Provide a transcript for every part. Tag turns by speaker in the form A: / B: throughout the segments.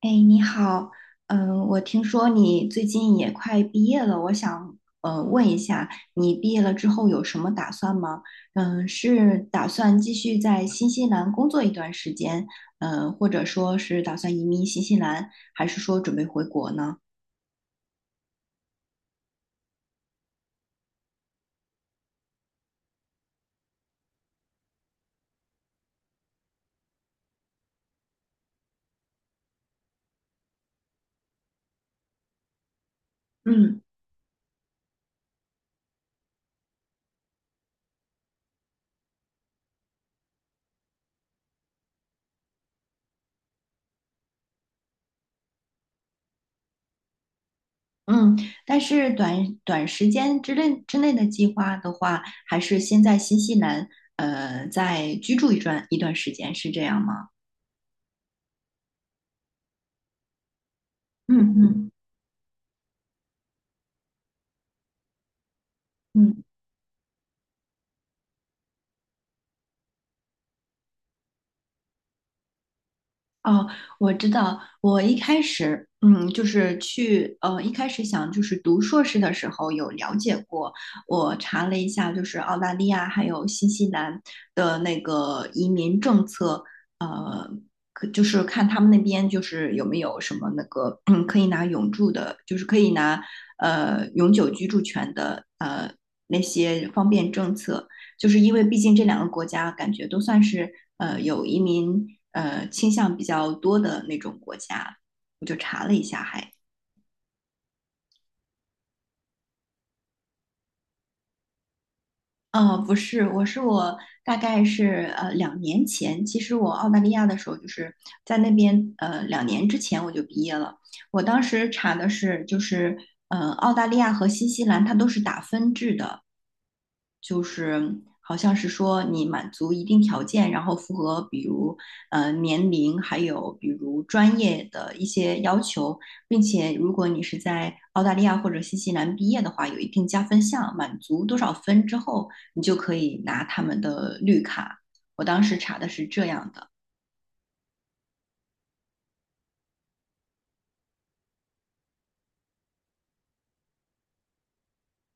A: 哎，你好，我听说你最近也快毕业了，我想问一下，你毕业了之后有什么打算吗？是打算继续在新西兰工作一段时间，或者说是打算移民新西兰，还是说准备回国呢？嗯嗯。但是短短时间之内的计划的话，还是先在新西兰再居住一段时间，是这样吗？嗯嗯嗯。哦，我知道。我一开始，就是去，一开始想就是读硕士的时候有了解过，我查了一下，就是澳大利亚还有新西兰的那个移民政策，呃，可就是看他们那边就是有没有什么那个，可以拿永住的，就是可以拿永久居住权的，那些方便政策。就是因为毕竟这两个国家感觉都算是有移民倾向比较多的那种国家，我就查了一下还，哦，不是，我大概是2年前，其实我澳大利亚的时候就是在那边2年之前我就毕业了，我当时查的是就是澳大利亚和新西兰它都是打分制的。就是好像是说你满足一定条件，然后符合比如年龄，还有比如专业的一些要求，并且如果你是在澳大利亚或者新西兰毕业的话，有一定加分项，满足多少分之后，你就可以拿他们的绿卡。我当时查的是这样的。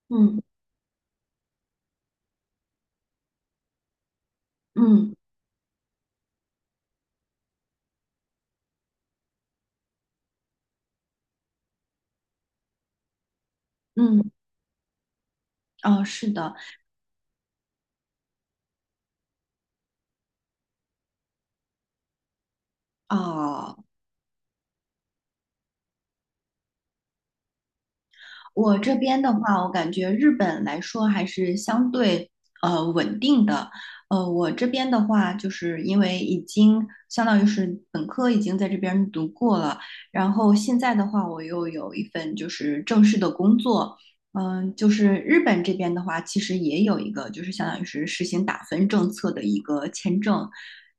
A: 嗯嗯嗯。哦，是的。哦，我这边的话，我感觉日本来说还是相对稳定的。我这边的话，就是因为已经相当于是本科已经在这边读过了，然后现在的话，我又有一份就是正式的工作。就是日本这边的话，其实也有一个就是相当于是实行打分政策的一个签证。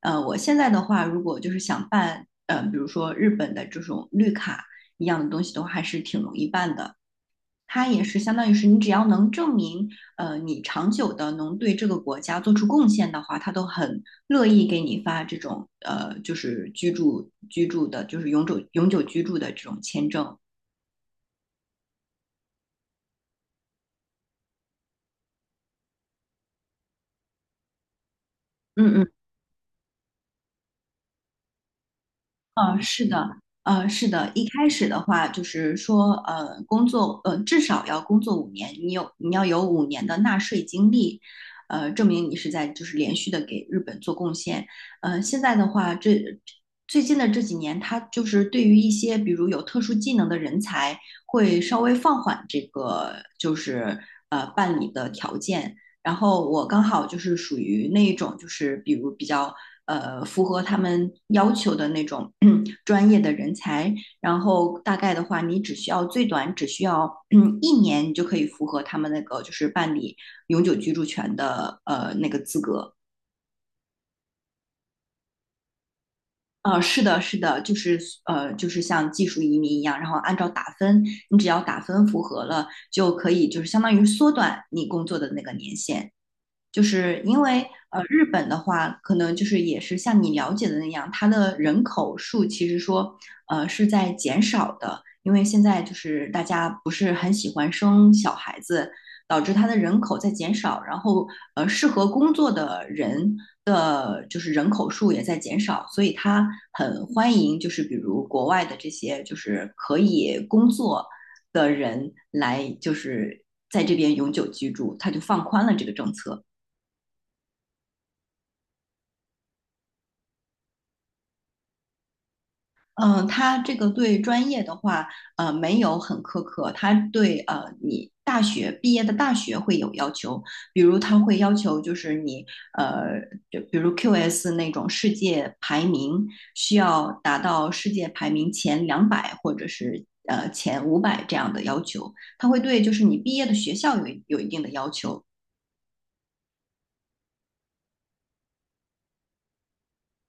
A: 我现在的话，如果就是想办，比如说日本的这种绿卡一样的东西的话，还是挺容易办的。它也是相当于是你只要能证明，你长久的能对这个国家做出贡献的话，他都很乐意给你发这种就是居住的，就是永久居住的这种签证。嗯嗯嗯，是的。是的，一开始的话就是说，工作，至少要工作五年，你要有五年的纳税经历，证明你是在就是连续的给日本做贡献。现在的话，这最近的这几年，它就是对于一些比如有特殊技能的人才，会稍微放缓这个就是办理的条件。然后我刚好就是属于那一种，就是比如比较符合他们要求的那种 专业的人才。然后大概的话，你只需要最短只需要 一年，你就可以符合他们那个就是办理永久居住权的那个资格。啊，是的，是的，就是就是像技术移民一样，然后按照打分，你只要打分符合了，就可以就是相当于缩短你工作的那个年限。就是因为日本的话，可能就是也是像你了解的那样，它的人口数其实说是在减少的，因为现在就是大家不是很喜欢生小孩子，导致它的人口在减少，然后适合工作的人的就是人口数也在减少，所以它很欢迎就是比如国外的这些就是可以工作的人来就是在这边永久居住，它就放宽了这个政策。他这个对专业的话，没有很苛刻，他对你大学毕业的大学会有要求，比如他会要求就是你呃，就比如 QS 那种世界排名需要达到世界排名前200或者是前500这样的要求，他会对就是你毕业的学校有一定的要求，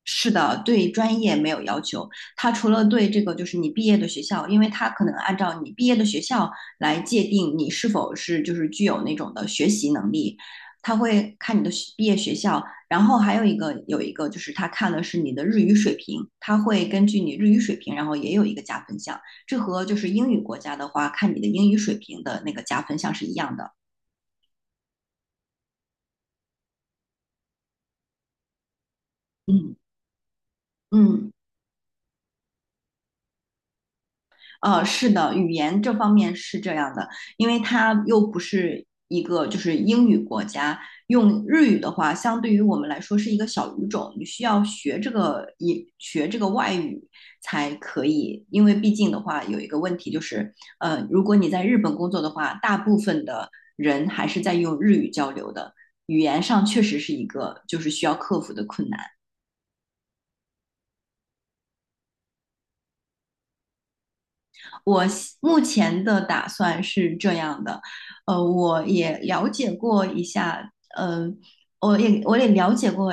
A: 是的，对专业没有要求。他除了对这个，就是你毕业的学校，因为他可能按照你毕业的学校来界定你是否是就是具有那种的学习能力，他会看你的学毕业学校。然后还有一个有一个就是他看的是你的日语水平，他会根据你日语水平，然后也有一个加分项。这和就是英语国家的话，看你的英语水平的那个加分项是一样的。嗯嗯。是的，语言这方面是这样的，因为它又不是一个就是英语国家，用日语的话，相对于我们来说是一个小语种，你需要学这个一学这个外语才可以，因为毕竟的话有一个问题就是，如果你在日本工作的话，大部分的人还是在用日语交流的，语言上确实是一个就是需要克服的困难。我目前的打算是这样的，我也了解过一下，我也了解过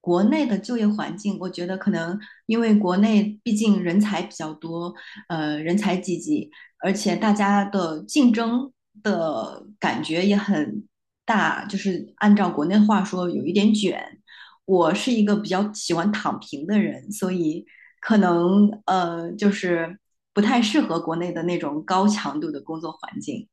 A: 国内的就业环境，我觉得可能因为国内毕竟人才比较多，人才济济，而且大家的竞争的感觉也很大，就是按照国内话说，有一点卷。我是一个比较喜欢躺平的人，所以可能就是不太适合国内的那种高强度的工作环境。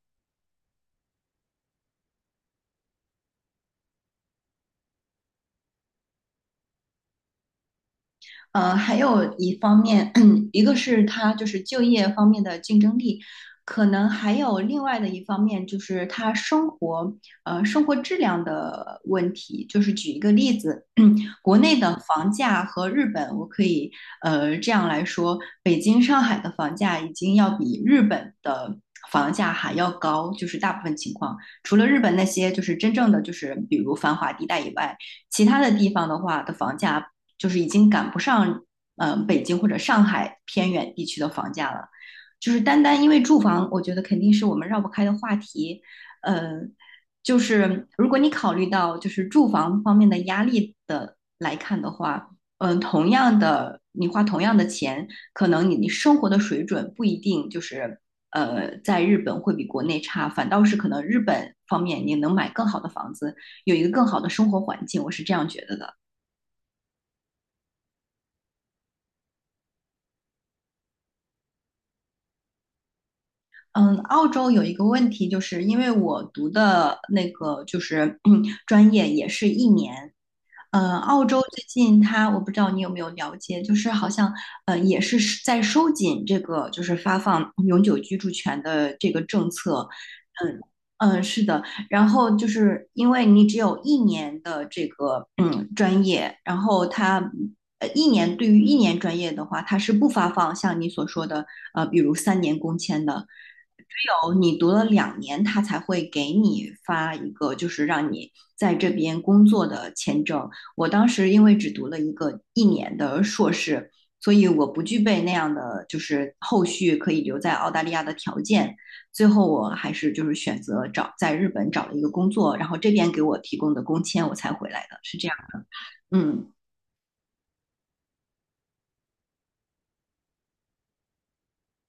A: 还有一方面，一个是它就是就业方面的竞争力，可能还有另外的一方面就是它生活，生活质量的问题。就是举一个例子，国内的房价和日本，我可以这样来说，北京、上海的房价已经要比日本的房价还要高，就是大部分情况，除了日本那些就是真正的就是比如繁华地带以外，其他的地方的话的房价。就是已经赶不上北京或者上海偏远地区的房价了。就是单单因为住房，我觉得肯定是我们绕不开的话题。呃，就是如果你考虑到就是住房方面的压力的来看的话，同样的你花同样的钱，可能你生活的水准不一定就是在日本会比国内差，反倒是可能日本方面你能买更好的房子，有一个更好的生活环境，我是这样觉得的。嗯，澳洲有一个问题，就是因为我读的那个就是 专业也是一年，澳洲最近它，我不知道你有没有了解，就是好像也是在收紧这个就是发放永久居住权的这个政策，嗯嗯是的。然后就是因为你只有一年的这个专业，然后它一年对于一年专业的话，它是不发放像你所说的比如3年工签的，只有你读了两年，他才会给你发一个，就是让你在这边工作的签证。我当时因为只读了一个一年的硕士，所以我不具备那样的就是后续可以留在澳大利亚的条件。最后我还是就是选择找在日本找了一个工作，然后这边给我提供的工签我才回来的，是这样的。嗯。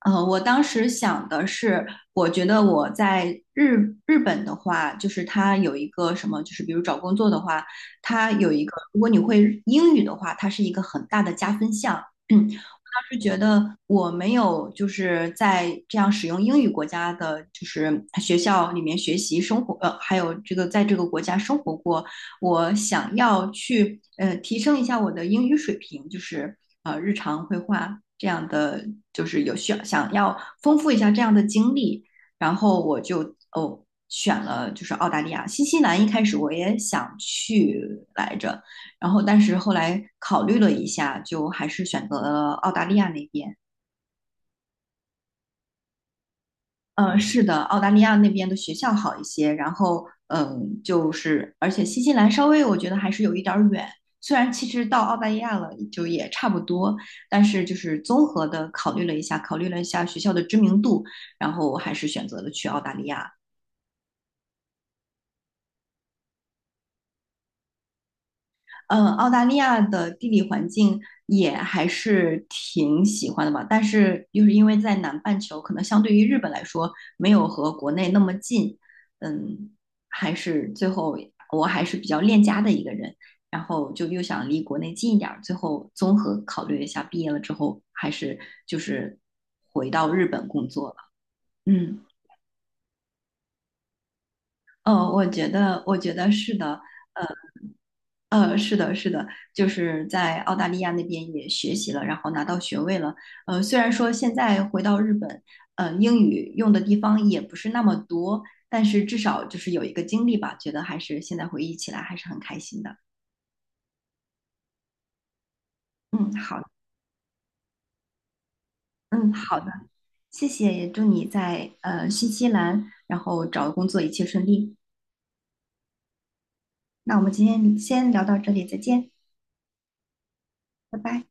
A: 我当时想的是，我觉得我在日本的话，就是它有一个什么，就是比如找工作的话，它有一个，如果你会英语的话，它是一个很大的加分项。嗯，是觉得我没有就是在这样使用英语国家的，就是学校里面学习生活，还有这个在这个国家生活过，我想要去提升一下我的英语水平，就是日常绘画这样的，就是有需要想要丰富一下这样的经历，然后我就选了就是澳大利亚、新西兰，一开始我也想去来着，然后但是后来考虑了一下，就还是选择了澳大利亚那边。嗯，是的，澳大利亚那边的学校好一些，然后就是而且新西兰稍微我觉得还是有一点儿远，虽然其实到澳大利亚了就也差不多，但是就是综合的考虑了一下，考虑了一下学校的知名度，然后我还是选择了去澳大利亚。嗯，澳大利亚的地理环境也还是挺喜欢的吧，但是就是因为在南半球，可能相对于日本来说，没有和国内那么近，嗯，还是最后我还是比较恋家的一个人，然后就又想离国内近一点儿，最后综合考虑了一下，毕业了之后还是就是回到日本工作了。嗯。哦，我觉得是的，是的，是的，就是在澳大利亚那边也学习了，然后拿到学位了。虽然说现在回到日本，英语用的地方也不是那么多，但是至少就是有一个经历吧，觉得还是现在回忆起来还是很开心的。嗯，好。嗯，好的，谢谢，也祝你在新西兰，然后找工作一切顺利。那我们今天先聊到这里，再见，拜拜。